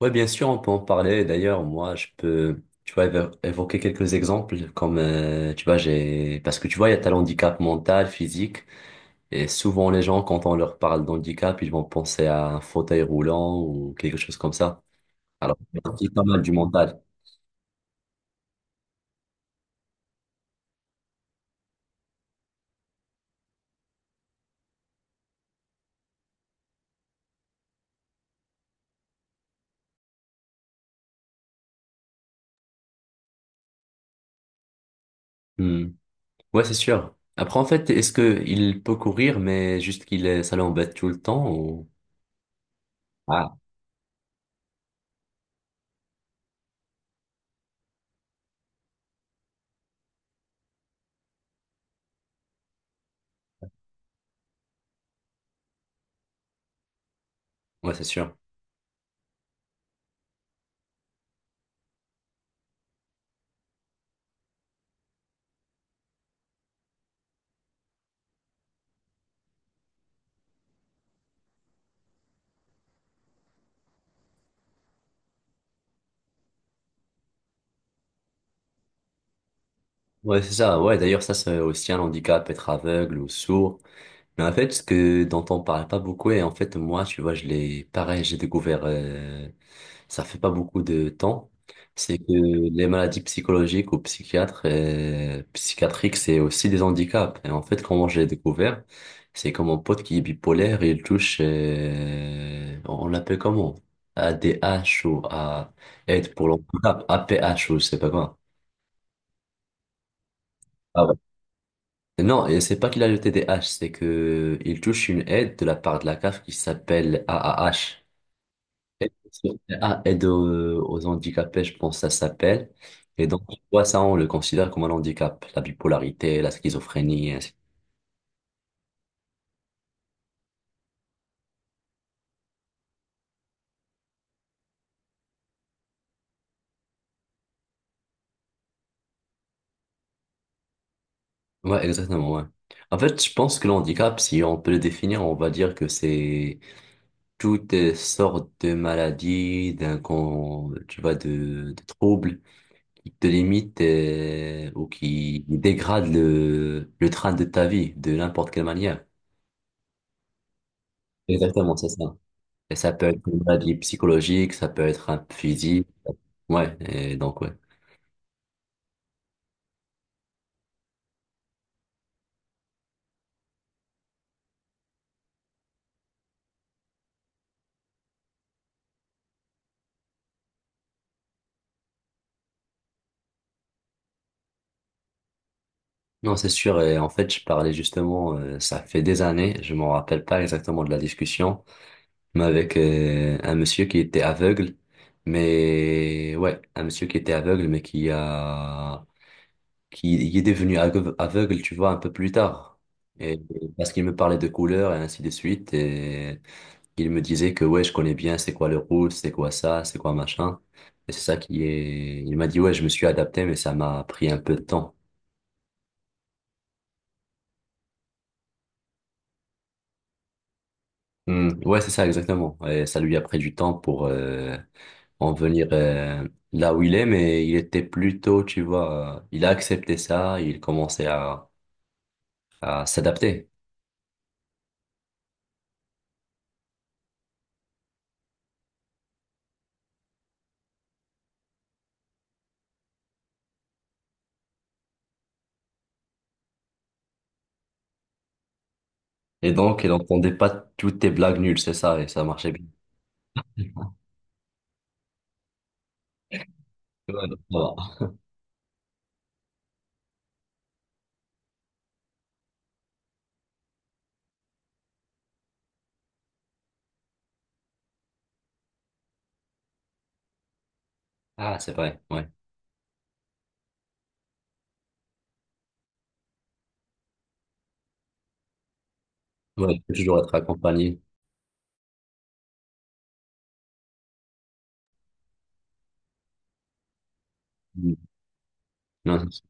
Ouais, bien sûr, on peut en parler. D'ailleurs, moi, je peux, tu vois, évoquer quelques exemples comme, tu vois, parce que tu vois, il y a tel handicap mental, physique, et souvent les gens, quand on leur parle d'handicap, ils vont penser à un fauteuil roulant ou quelque chose comme ça. Alors, c'est pas mal du mental. Hmm. Ouais, c'est sûr. Après, en fait, est-ce que il peut courir, mais juste qu'il est, ça l'embête tout le temps ou. Ah, ouais, c'est sûr. Ouais, c'est ça. Ouais, d'ailleurs, ça, c'est aussi un handicap, être aveugle ou sourd. Mais en fait, ce que dont on parle pas beaucoup, et en fait, moi, tu vois, je l'ai, pareil, j'ai découvert, ça fait pas beaucoup de temps, c'est que les maladies psychologiques ou psychiatriques, c'est aussi des handicaps. Et en fait, comment je l'ai découvert, c'est comme mon pote qui est bipolaire, il touche, on l'appelle comment? ADH ou A, aide pour l'handicap, APH ou je sais pas quoi. Ah ouais. Non, et c'est pas qu'il a le TDAH, c'est que il touche une aide de la part de la CAF qui s'appelle AAH. Aide sur- Ah, aide aux handicapés, je pense que ça s'appelle. Et donc, tu vois, ça, on le considère comme un handicap, la bipolarité, la schizophrénie. Ouais, exactement, ouais. En fait, je pense que le handicap, si on peut le définir, on va dire que c'est toutes sortes de maladies, tu vois, de troubles qui te limite ou qui dégrade le train de ta vie de n'importe quelle manière. Exactement, c'est ça. Et ça peut être une maladie psychologique, ça peut être un physique. Ouais, et donc ouais. Non, c'est sûr. Et en fait, je parlais justement, ça fait des années, je m'en rappelle pas exactement de la discussion, mais avec un monsieur qui était aveugle, mais ouais, un monsieur qui était aveugle, mais qui il est devenu aveugle, aveugle, tu vois, un peu plus tard. Et parce qu'il me parlait de couleurs et ainsi de suite. Et il me disait que, ouais, je connais bien c'est quoi le rouge, c'est quoi ça, c'est quoi machin. Et c'est ça qui est. Il m'a dit, ouais, je me suis adapté, mais ça m'a pris un peu de temps. Hmm, ouais, c'est ça, exactement. Et ça lui a pris du temps pour en venir là où il est, mais il était plutôt, tu vois, il a accepté ça, il commençait à s'adapter. Et donc, il n'entendait pas toutes tes blagues nulles, c'est ça, et ça marchait bien. Ouais, donc ça va. Ah, c'est vrai, ouais. Ouais, il faut toujours être accompagné. Mm. Non, c'est-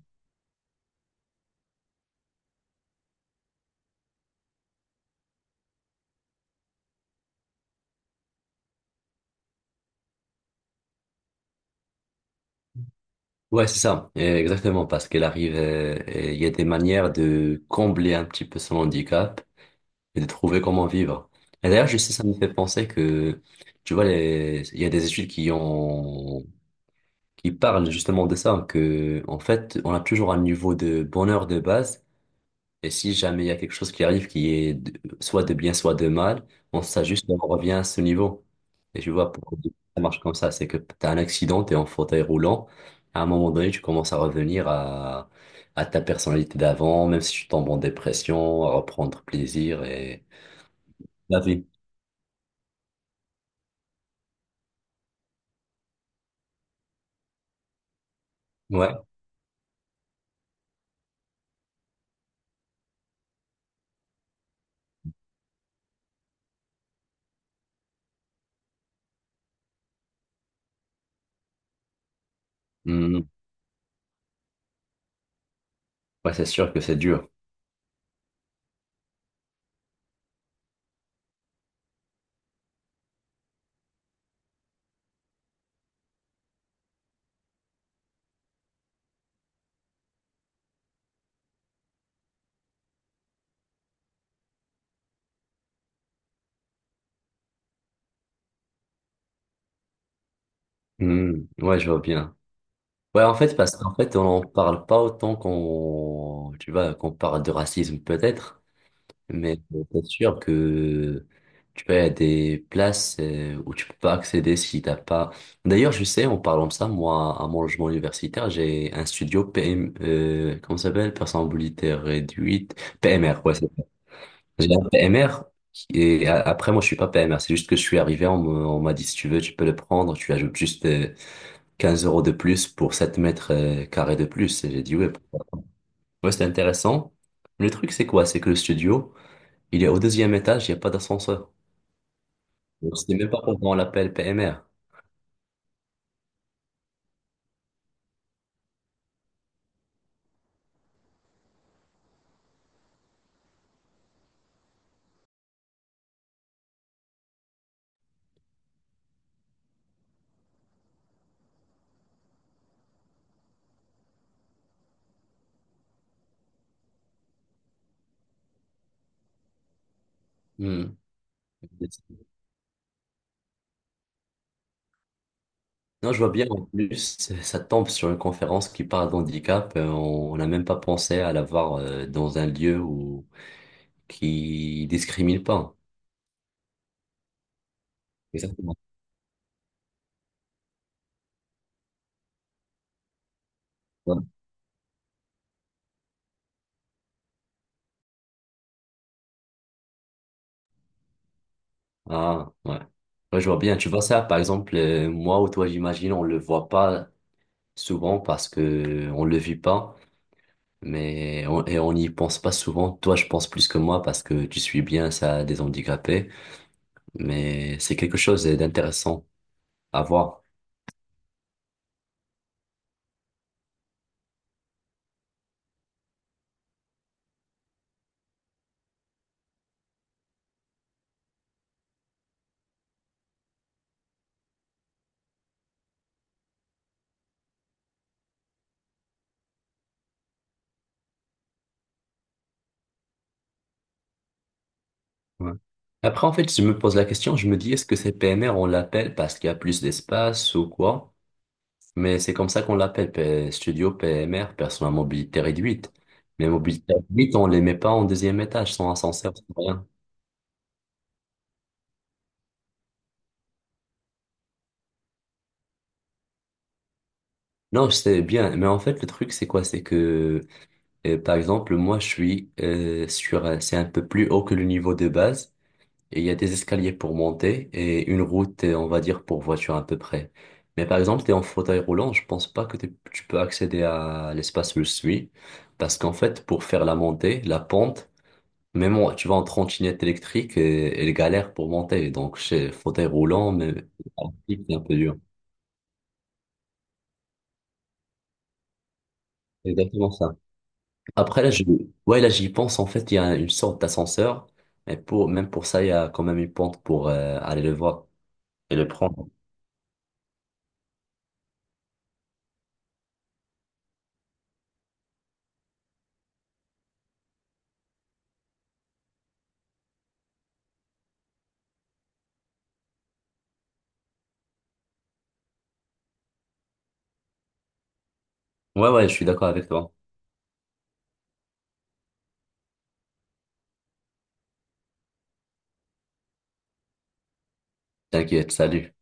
Ouais, c'est ça, exactement, parce qu'elle arrive, et il y a des manières de combler un petit peu son handicap et de trouver comment vivre. Et d'ailleurs, je sais, ça me fait penser que, tu vois, il y a des études qui parlent justement de ça, que, en fait, on a toujours un niveau de bonheur de base. Et si jamais il y a quelque chose qui arrive qui est soit de bien, soit de mal, on s'ajuste et on revient à ce niveau. Et tu vois, pourquoi ça marche comme ça, c'est que tu as un accident, tu es en fauteuil roulant, à un moment donné, tu commences à revenir à ta personnalité d'avant, même si tu tombes en dépression, à reprendre plaisir et la vie. Ouais. Mhm. Ouais, c'est sûr que c'est dur. Mhm. Ouais, je vois bien. Ouais, en fait, parce qu'en fait, on n'en parle pas autant tu vois, qu'on parle de racisme peut-être. Mais c'est sûr que tu vois, il y a des places où tu peux pas accéder si t'as pas. D'ailleurs, je sais, en parlant de ça, moi, à mon logement universitaire, j'ai un studio PM, comment ça s'appelle? Personne à mobilité réduite. PMR, ouais, c'est ça. J'ai un PMR. Et après, moi, je suis pas PMR. C'est juste que je suis arrivé, on m'a dit, si tu veux, tu peux le prendre. Tu ajoutes juste 15 € de plus pour 7 mètres carrés de plus. Et j'ai dit, ouais, ouais, c'est intéressant. Le truc, c'est quoi? C'est que le studio. Il est au deuxième étage, il n'y a pas d'ascenseur. Donc, c'était même pas pendant l'appel PMR. Hmm. Non, je vois bien, en plus, ça tombe sur une conférence qui parle d'handicap. On n'a même pas pensé à l'avoir dans un lieu qui discrimine pas. Exactement. Ouais. Ah, ouais. Ouais, je vois bien. Tu vois ça, par exemple, moi ou toi, j'imagine, on le voit pas souvent parce que on le vit pas, et on n'y pense pas souvent. Toi, je pense plus que moi parce que tu suis bien ça des handicapés, mais c'est quelque chose d'intéressant à voir. Ouais. Après, en fait, je me pose la question, je me dis, est-ce que c'est PMR, on l'appelle parce qu'il y a plus d'espace ou quoi? Mais c'est comme ça qu'on l'appelle, Studio PMR, personne à mobilité réduite. Mais mobilité réduite, on les met pas en deuxième étage, sans ascenseur, sans rien. Non, je sais bien, mais en fait, le truc, c'est quoi? C'est que, par exemple, moi, je suis c'est un peu plus haut que le niveau de base. Et il y a des escaliers pour monter et une route, on va dire, pour voiture à peu près. Mais par exemple, tu es en fauteuil roulant, je pense pas que tu peux accéder à l'espace où je suis. Parce qu'en fait, pour faire la montée, la pente, même tu vas en trottinette électrique, et, elle galère pour monter. Donc, chez fauteuil roulant, mais c'est un peu dur. Exactement ça. Après, là, ouais, là, j'y pense. En fait, il y a une sorte d'ascenseur. Mais même pour ça, il y a quand même une pente pour aller le voir et le prendre. Ouais, ouais, je suis d'accord avec toi. T'inquiète, salut.